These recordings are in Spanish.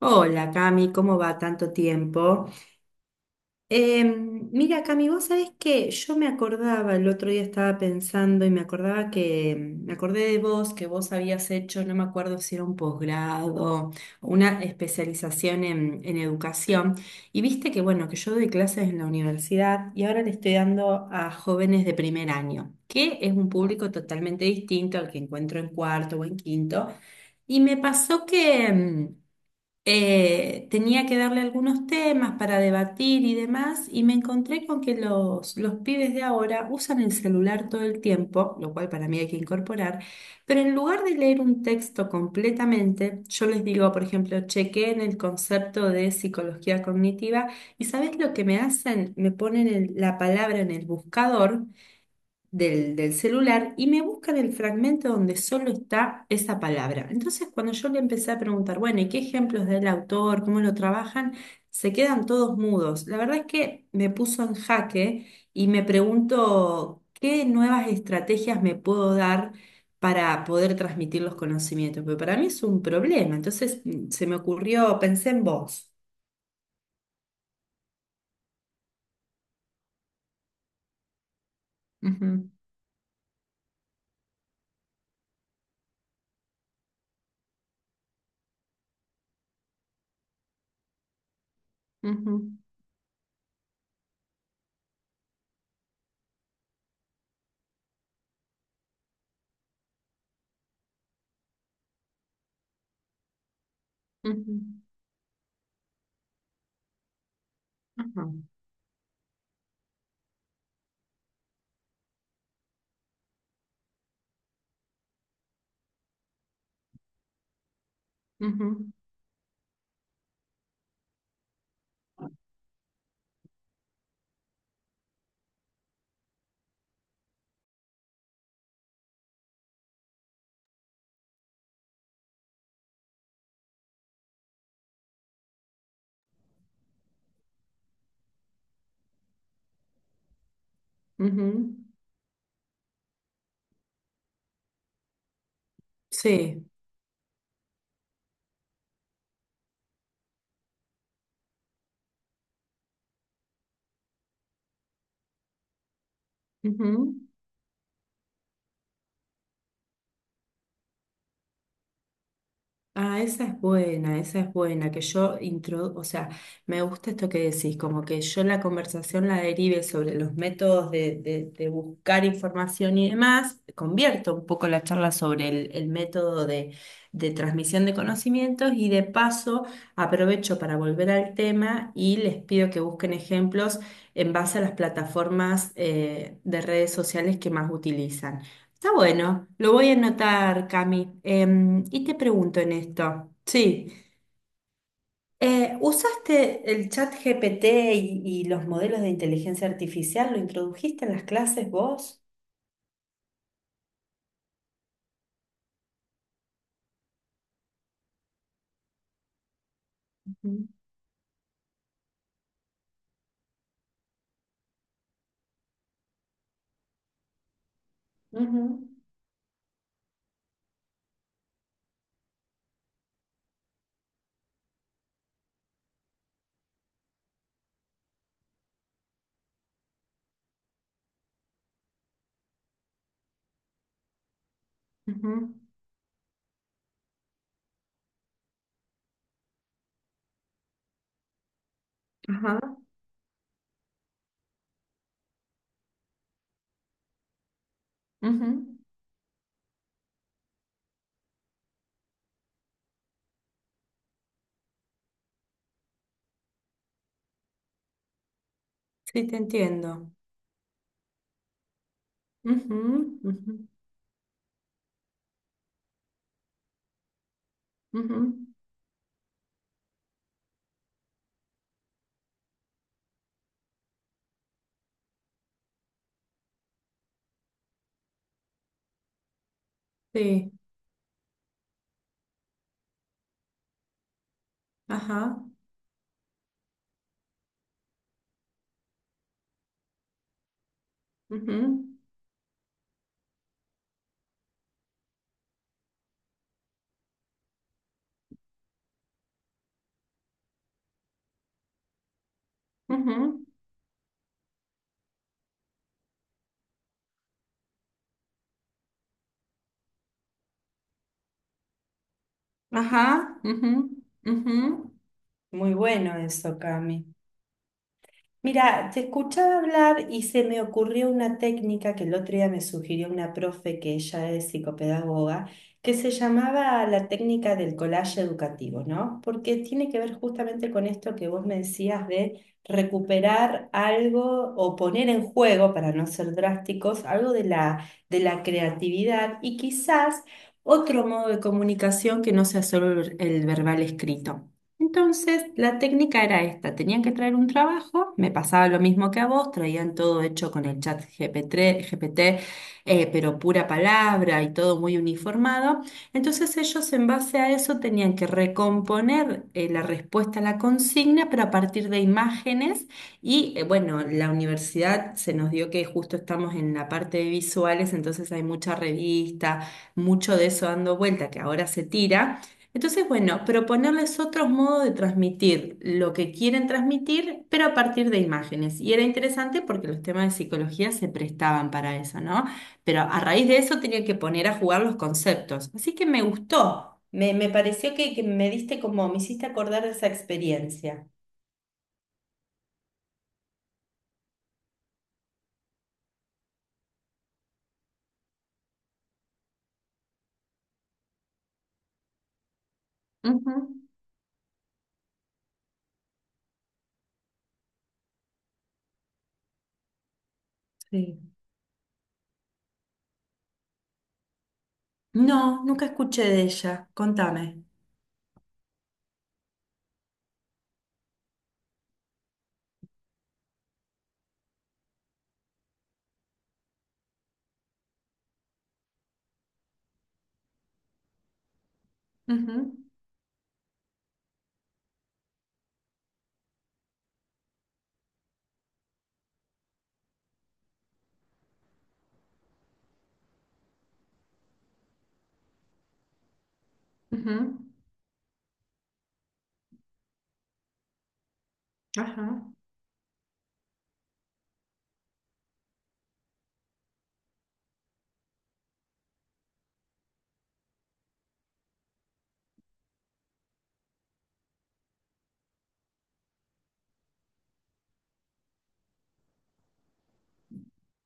Hola Cami, ¿cómo va tanto tiempo? Mira Cami, vos sabés que yo me acordaba, el otro día estaba pensando y me acordé de vos, que vos habías hecho, no me acuerdo si era un posgrado, una especialización en educación. Y viste que, bueno, que yo doy clases en la universidad y ahora le estoy dando a jóvenes de primer año, que es un público totalmente distinto al que encuentro en cuarto o en quinto. Y me pasó que... em, tenía que darle algunos temas para debatir y demás, y me encontré con que los pibes de ahora usan el celular todo el tiempo, lo cual para mí hay que incorporar, pero en lugar de leer un texto completamente, yo les digo, por ejemplo, chequeen el concepto de psicología cognitiva, y ¿sabes lo que me hacen? Me ponen la palabra en el buscador del celular y me busca del fragmento donde solo está esa palabra. Entonces, cuando yo le empecé a preguntar, bueno, ¿y qué ejemplos del autor? ¿Cómo lo trabajan? Se quedan todos mudos. La verdad es que me puso en jaque y me pregunto qué nuevas estrategias me puedo dar para poder transmitir los conocimientos, pero para mí es un problema. Entonces se me ocurrió, pensé en vos. Ujú, ujú, ujú, ajá, ujú, ujú. Sí. Ah, esa es buena, que o sea, me gusta esto que decís, como que yo la conversación la derive sobre los métodos de buscar información y demás, convierto un poco la charla sobre el método de transmisión de conocimientos y de paso aprovecho para volver al tema y les pido que busquen ejemplos en base a las plataformas de redes sociales que más utilizan. Está bueno, lo voy a anotar, Cami. Y te pregunto en esto. Sí, ¿usaste el chat GPT y los modelos de inteligencia artificial? ¿Lo introdujiste en las clases vos? Ujú, ujú, ujú, ajá, ujú. Sí, te entiendo. Ujú, ujú, ujú. Sí, ajá, ujú, ujú, ajá, ujú, ujú. Muy bueno eso, Cami. Mira, te escuchaba hablar y se me ocurrió una técnica que el otro día me sugirió una profe que ella es psicopedagoga, que se llamaba la técnica del collage educativo, ¿no? Porque tiene que ver justamente con esto que vos me decías de recuperar algo o poner en juego, para no ser drásticos, algo de la creatividad y quizás otro modo de comunicación que no sea solo el verbal escrito. Entonces, la técnica era esta, tenían que traer un trabajo, me pasaba lo mismo que a vos, traían todo hecho con el chat GPT, GPT, pero pura palabra y todo muy uniformado. Entonces ellos en base a eso tenían que recomponer la respuesta a la consigna, pero a partir de imágenes y bueno, la universidad se nos dio que justo estamos en la parte de visuales, entonces hay mucha revista, mucho de eso dando vuelta que ahora se tira. Entonces, bueno, proponerles otros modos de transmitir lo que quieren transmitir, pero a partir de imágenes. Y era interesante porque los temas de psicología se prestaban para eso, ¿no? Pero a raíz de eso tenía que poner a jugar los conceptos. Así que me gustó, me pareció que me diste como, me hiciste acordar de esa experiencia. Ujú. Sí. No, nunca escuché de ella, contame. Ujú, ujú, ajá.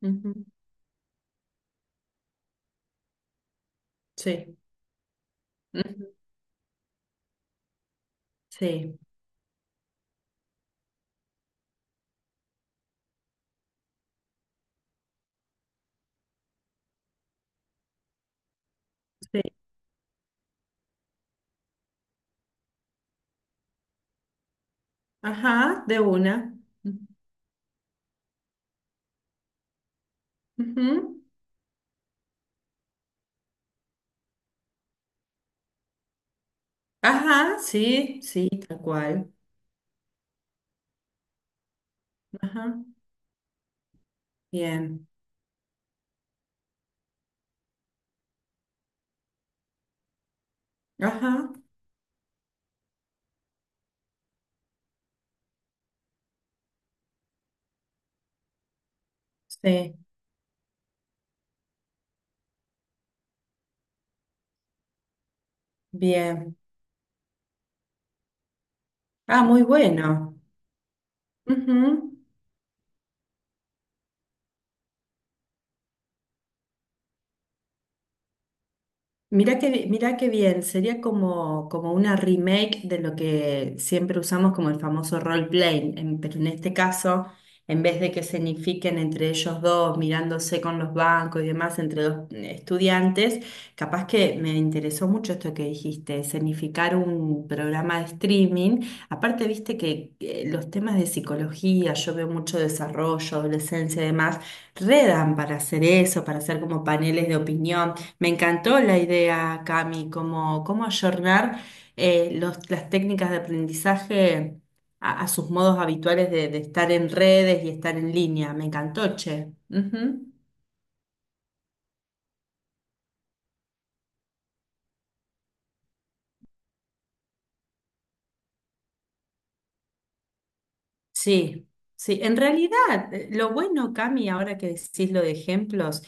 Ujú. Sí, ujú, sí, sí. Ajá, de una. Ujú. Ajá, sí, sí, tal cual. Ajá, bien. Ajá, sí, bien. Ah, muy bueno. Ujú. Mira qué, mirá qué bien, sería como, como una remake de lo que siempre usamos como el famoso role-playing, pero en este caso, en vez de que se entre ellos dos, mirándose con los bancos y demás, entre dos estudiantes, capaz que me interesó mucho esto que dijiste, escenificar un programa de streaming. Aparte, viste que los temas de psicología, yo veo mucho desarrollo, adolescencia y demás, redan para hacer eso, para hacer como paneles de opinión. Me encantó la idea, Cami, como cómo ayornar las técnicas de aprendizaje a sus modos habituales de estar en redes y estar en línea. Me encantó, che. Ujú. Sí, sí, en realidad lo bueno, Cami, ahora que decís lo de ejemplos,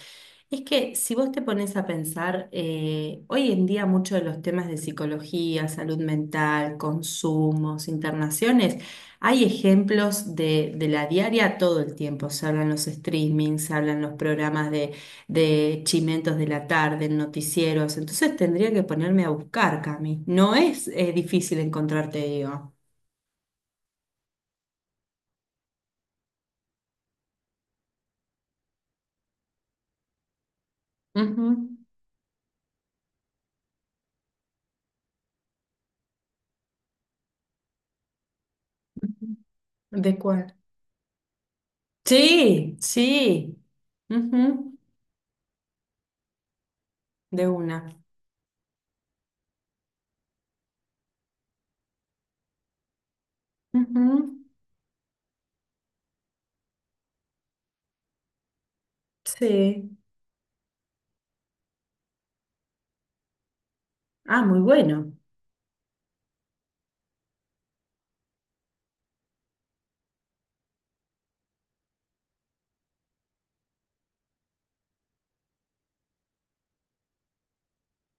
es que si vos te pones a pensar, hoy en día muchos de los temas de psicología, salud mental, consumos, internaciones, hay ejemplos de la diaria todo el tiempo. Se hablan los streamings, se hablan los programas de chimentos de la tarde, en noticieros. Entonces tendría que ponerme a buscar, Cami. No es difícil encontrarte, digo. Ujú. ¿De cuál? Sí, sí. Ujú, de una. Ujú, sí. Ah, muy bueno.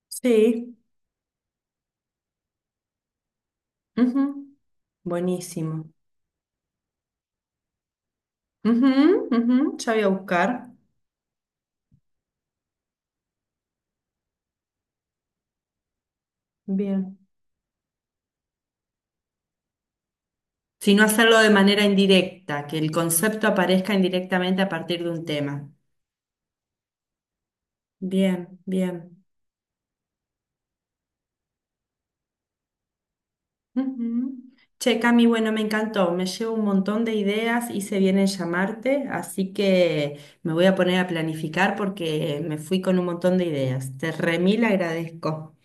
Sí, ujú, buenísimo. Ujú, ujú, ya voy a buscar. Bien. Sino hacerlo de manera indirecta, que el concepto aparezca indirectamente a partir de un tema. Bien, bien. Ujú. Che, Cami, bueno, me encantó, me llevo un montón de ideas, hice bien en llamarte, así que me voy a poner a planificar porque me fui con un montón de ideas. Te remil agradezco.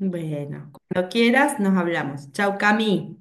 Bueno, cuando quieras nos hablamos. Chau, Cami.